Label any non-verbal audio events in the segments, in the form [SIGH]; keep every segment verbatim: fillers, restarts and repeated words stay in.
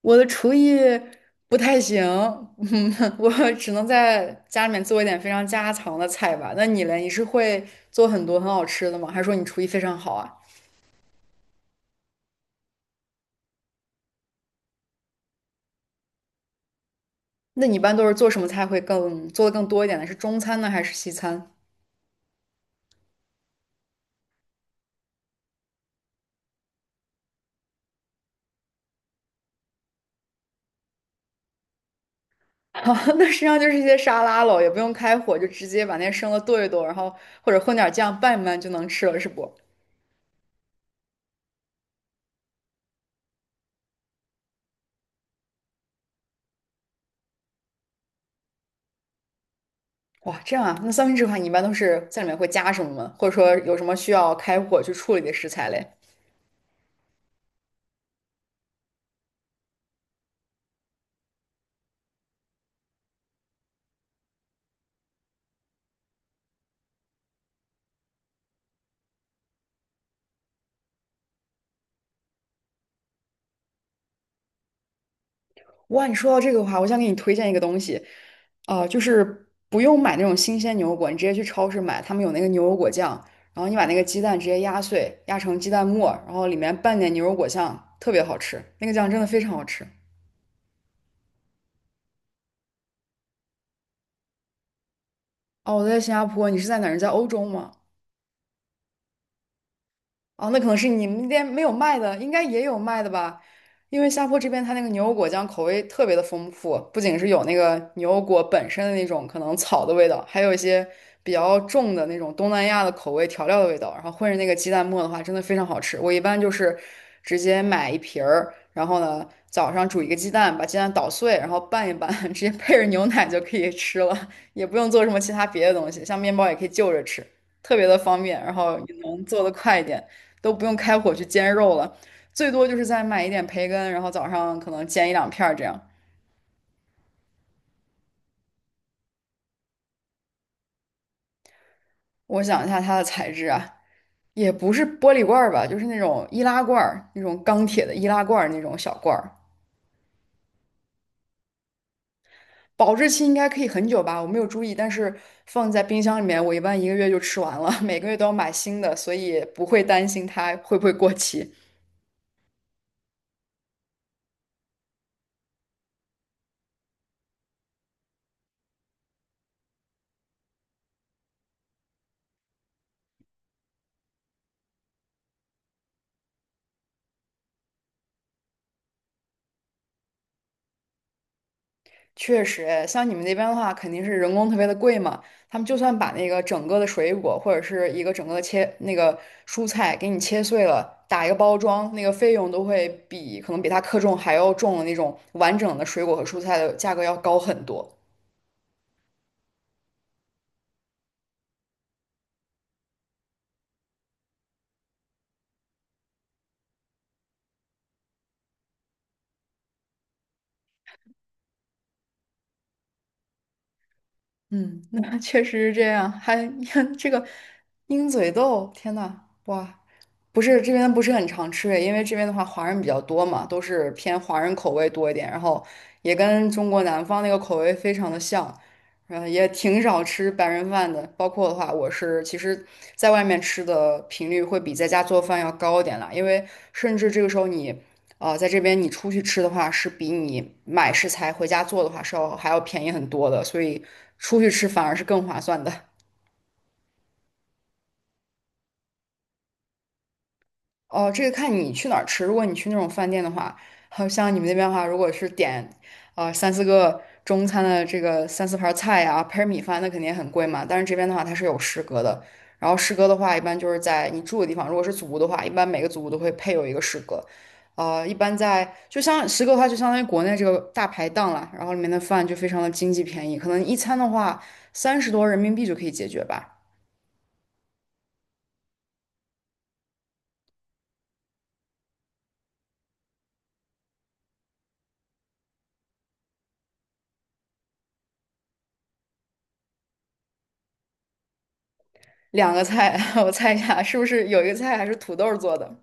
我的厨艺不太行，[LAUGHS] 嗯，我只能在家里面做一点非常家常的菜吧。那你嘞，你是会做很多很好吃的吗？还是说你厨艺非常好啊？那你一般都是做什么菜会更做的更多一点呢？是中餐呢，还是西餐？[LAUGHS] 哦，那实际上就是一些沙拉喽，也不用开火，就直接把那些生的剁一剁，然后或者混点酱拌一拌就能吃了，是不？哇，这样啊，那三明治的话，你一般都是在里面会加什么吗？或者说有什么需要开火去处理的食材嘞？哇，你说到这个的话，我想给你推荐一个东西，啊，就是不用买那种新鲜牛油果，你直接去超市买，他们有那个牛油果酱，然后你把那个鸡蛋直接压碎，压成鸡蛋沫，然后里面拌点牛油果酱，特别好吃，那个酱真的非常好吃。哦，我在新加坡，你是在哪儿？你在欧洲吗？哦，那可能是你们店没有卖的，应该也有卖的吧？因为下坡这边它那个牛油果酱口味特别的丰富，不仅是有那个牛油果本身的那种可能草的味道，还有一些比较重的那种东南亚的口味调料的味道，然后混着那个鸡蛋沫的话，真的非常好吃。我一般就是直接买一瓶儿，然后呢早上煮一个鸡蛋，把鸡蛋捣碎，然后拌一拌，[LAUGHS] 直接配着牛奶就可以吃了，也不用做什么其他别的东西，像面包也可以就着吃，特别的方便，然后也能做得快一点。都不用开火去煎肉了，最多就是再买一点培根，然后早上可能煎一两片儿这样。我想一下它的材质啊，也不是玻璃罐儿吧，就是那种易拉罐儿，那种钢铁的易拉罐儿那种小罐儿，保质期应该可以很久吧，我没有注意，但是放在冰箱里面，我一般一个月就吃完了，每个月都要买新的，所以不会担心它会不会过期。确实，哎像你们那边的话，肯定是人工特别的贵嘛。他们就算把那个整个的水果或者是一个整个的切那个蔬菜给你切碎了，打一个包装，那个费用都会比可能比它克重还要重的那种完整的水果和蔬菜的价格要高很多。嗯，[LAUGHS] 那确实是这样。还 [LAUGHS] 看这个鹰嘴豆，天呐，哇！不是这边不是很常吃诶，因为这边的话华人比较多嘛，都是偏华人口味多一点，然后也跟中国南方那个口味非常的像，嗯，也挺少吃白人饭的。包括的话，我是其实在外面吃的频率会比在家做饭要高一点啦，因为甚至这个时候你，呃，在这边你出去吃的话，是比你买食材回家做的话是要还要便宜很多的，所以出去吃反而是更划算的。哦，这个看你去哪儿吃。如果你去那种饭店的话，好像你们那边的话，如果是点，呃，三四个中餐的这个三四盘儿菜呀、配米饭，那肯定很贵嘛。但是这边的话，它是有食阁的。然后食阁的话，一般就是在你住的地方，如果是祖屋的话，一般每个祖屋都会配有一个食阁。呃，一般在就像食阁的话，就相当于国内这个大排档啦，然后里面的饭就非常的经济便宜，可能一餐的话三十多人民币就可以解决吧。两个菜，[LAUGHS] 我猜一下，是不是有一个菜还是土豆做的？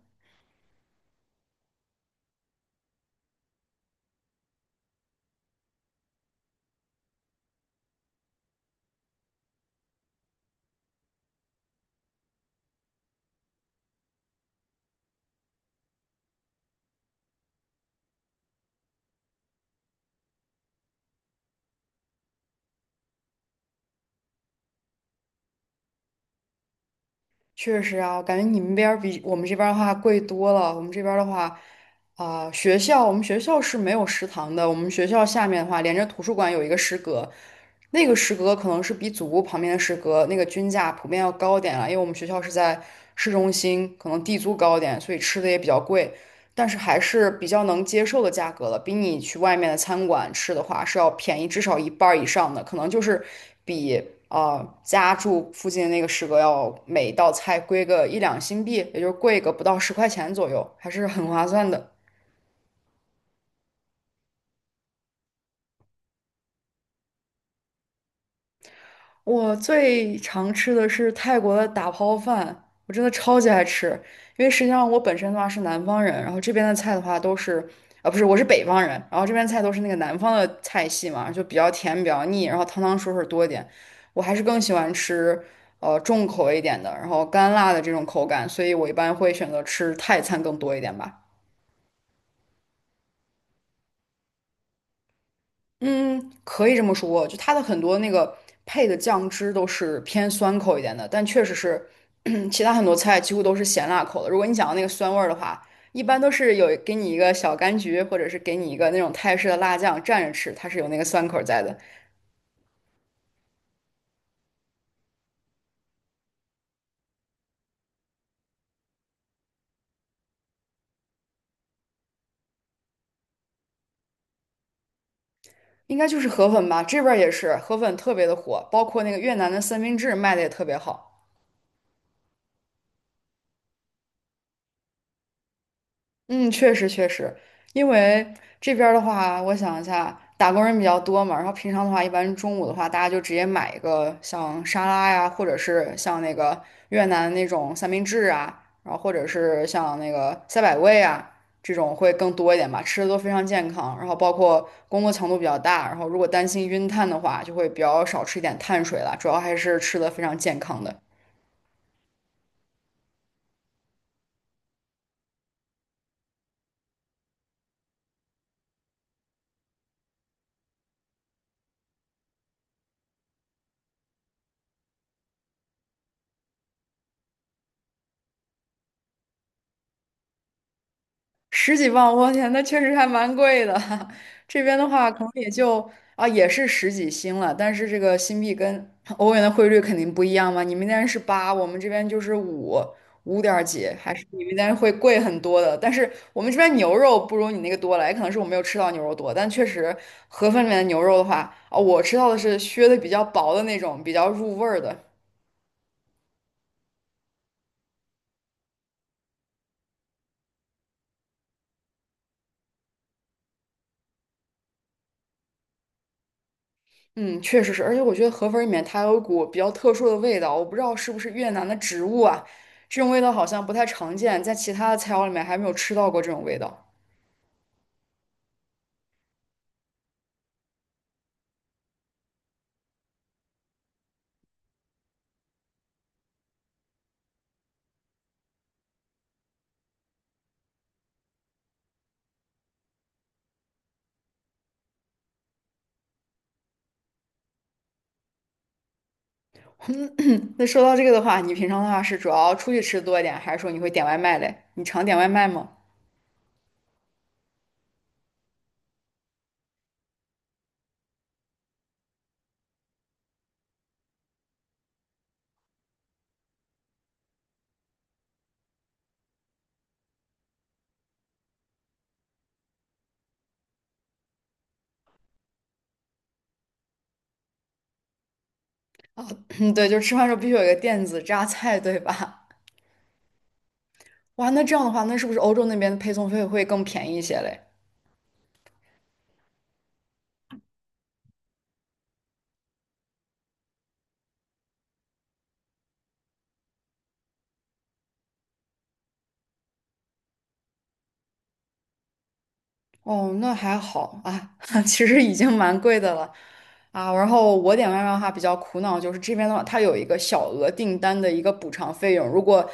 确实啊，我感觉你们边儿比我们这边儿的话贵多了。我们这边儿的话，啊、学校我们学校是没有食堂的。我们学校下面的话，连着图书馆有一个食阁，那个食阁可能是比祖屋旁边的食阁那个均价普遍要高点了，因为我们学校是在市中心，可能地租高点，所以吃的也比较贵。但是还是比较能接受的价格了，比你去外面的餐馆吃的话是要便宜至少一半儿以上的，可能就是比呃家住附近的那个食阁要每道菜贵个一两新币，也就是贵个不到十块钱左右，还是很划算的。我最常吃的是泰国的打抛饭，我真的超级爱吃。因为实际上我本身的话是南方人，然后这边的菜的话都是，啊不是，我是北方人，然后这边菜都是那个南方的菜系嘛，就比较甜比较腻，然后汤汤水水多一点。我还是更喜欢吃呃重口味一点的，然后干辣的这种口感，所以我一般会选择吃泰餐更多一点吧。嗯，可以这么说，就它的很多那个配的酱汁都是偏酸口一点的，但确实是 [CLEARS THROAT] 其他很多菜几乎都是咸辣口的。如果你想要那个酸味儿的话，一般都是有给你一个小柑橘，或者是给你一个那种泰式的辣酱蘸着吃，它是有那个酸口在的。应该就是河粉吧，这边儿也是河粉特别的火，包括那个越南的三明治卖的也特别好。嗯，确实确实，因为这边儿的话，我想一下，打工人比较多嘛，然后平常的话，一般中午的话，大家就直接买一个像沙拉呀，或者是像那个越南那种三明治啊，然后或者是像那个赛百味啊，这种会更多一点吧，吃的都非常健康，然后包括工作强度比较大，然后如果担心晕碳的话，就会比较少吃一点碳水了，主要还是吃的非常健康的。十几万，我天，那确实还蛮贵的。[LAUGHS] 这边的话，可能也就啊，也是十几星了，但是这个新币跟欧元的汇率肯定不一样嘛。你们那边是八，我们这边就是五，五点儿几，还是你们那边会贵很多的。但是我们这边牛肉不如你那个多了，也可能是我没有吃到牛肉多，但确实盒饭里面的牛肉的话，啊，我吃到的是削的比较薄的那种，比较入味儿的。嗯，确实是，而且我觉得河粉儿里面它有一股比较特殊的味道，我不知道是不是越南的植物啊，这种味道好像不太常见，在其他的菜肴里面还没有吃到过这种味道。那说到这个的话，你平常的话是主要出去吃多一点，还是说你会点外卖嘞？你常点外卖吗？[LAUGHS] [CLEARS THROAT] 嗯，对，就是吃饭的时候必须有一个电子榨菜，对吧？[LAUGHS] 哇，那这样的话，那是不是欧洲那边的配送费会更便宜一些嘞？哦，那还好啊，[LAUGHS] 其实已经蛮贵的了啊。然后我点外卖的话比较苦恼，就是这边的话，它有一个小额订单的一个补偿费用，如果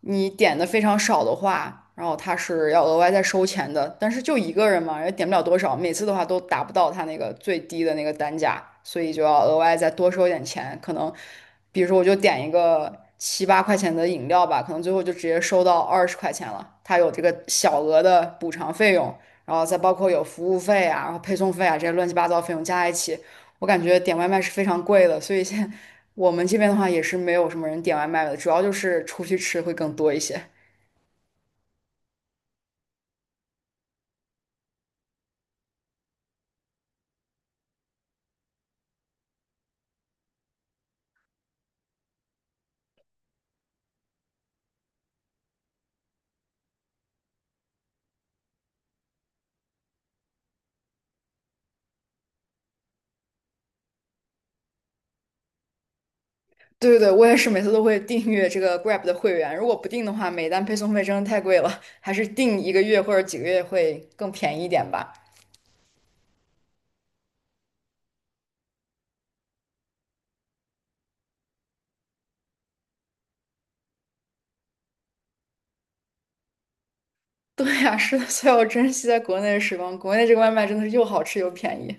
你点的非常少的话，然后它是要额外再收钱的。但是就一个人嘛，也点不了多少，每次的话都达不到它那个最低的那个单价，所以就要额外再多收一点钱。可能比如说我就点一个七八块钱的饮料吧，可能最后就直接收到二十块钱了，它有这个小额的补偿费用。然后再包括有服务费啊，然后配送费啊这些乱七八糟费用加在一起，我感觉点外卖是非常贵的，所以现在我们这边的话也是没有什么人点外卖的，主要就是出去吃会更多一些。对对对，我也是每次都会订阅这个 Grab 的会员，如果不定的话，每单配送费真的太贵了，还是订一个月或者几个月会更便宜一点吧。对呀，是的，所以我珍惜在国内的时光，国内这个外卖真的是又好吃又便宜。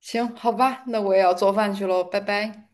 行，好吧，那我也要做饭去喽，拜拜。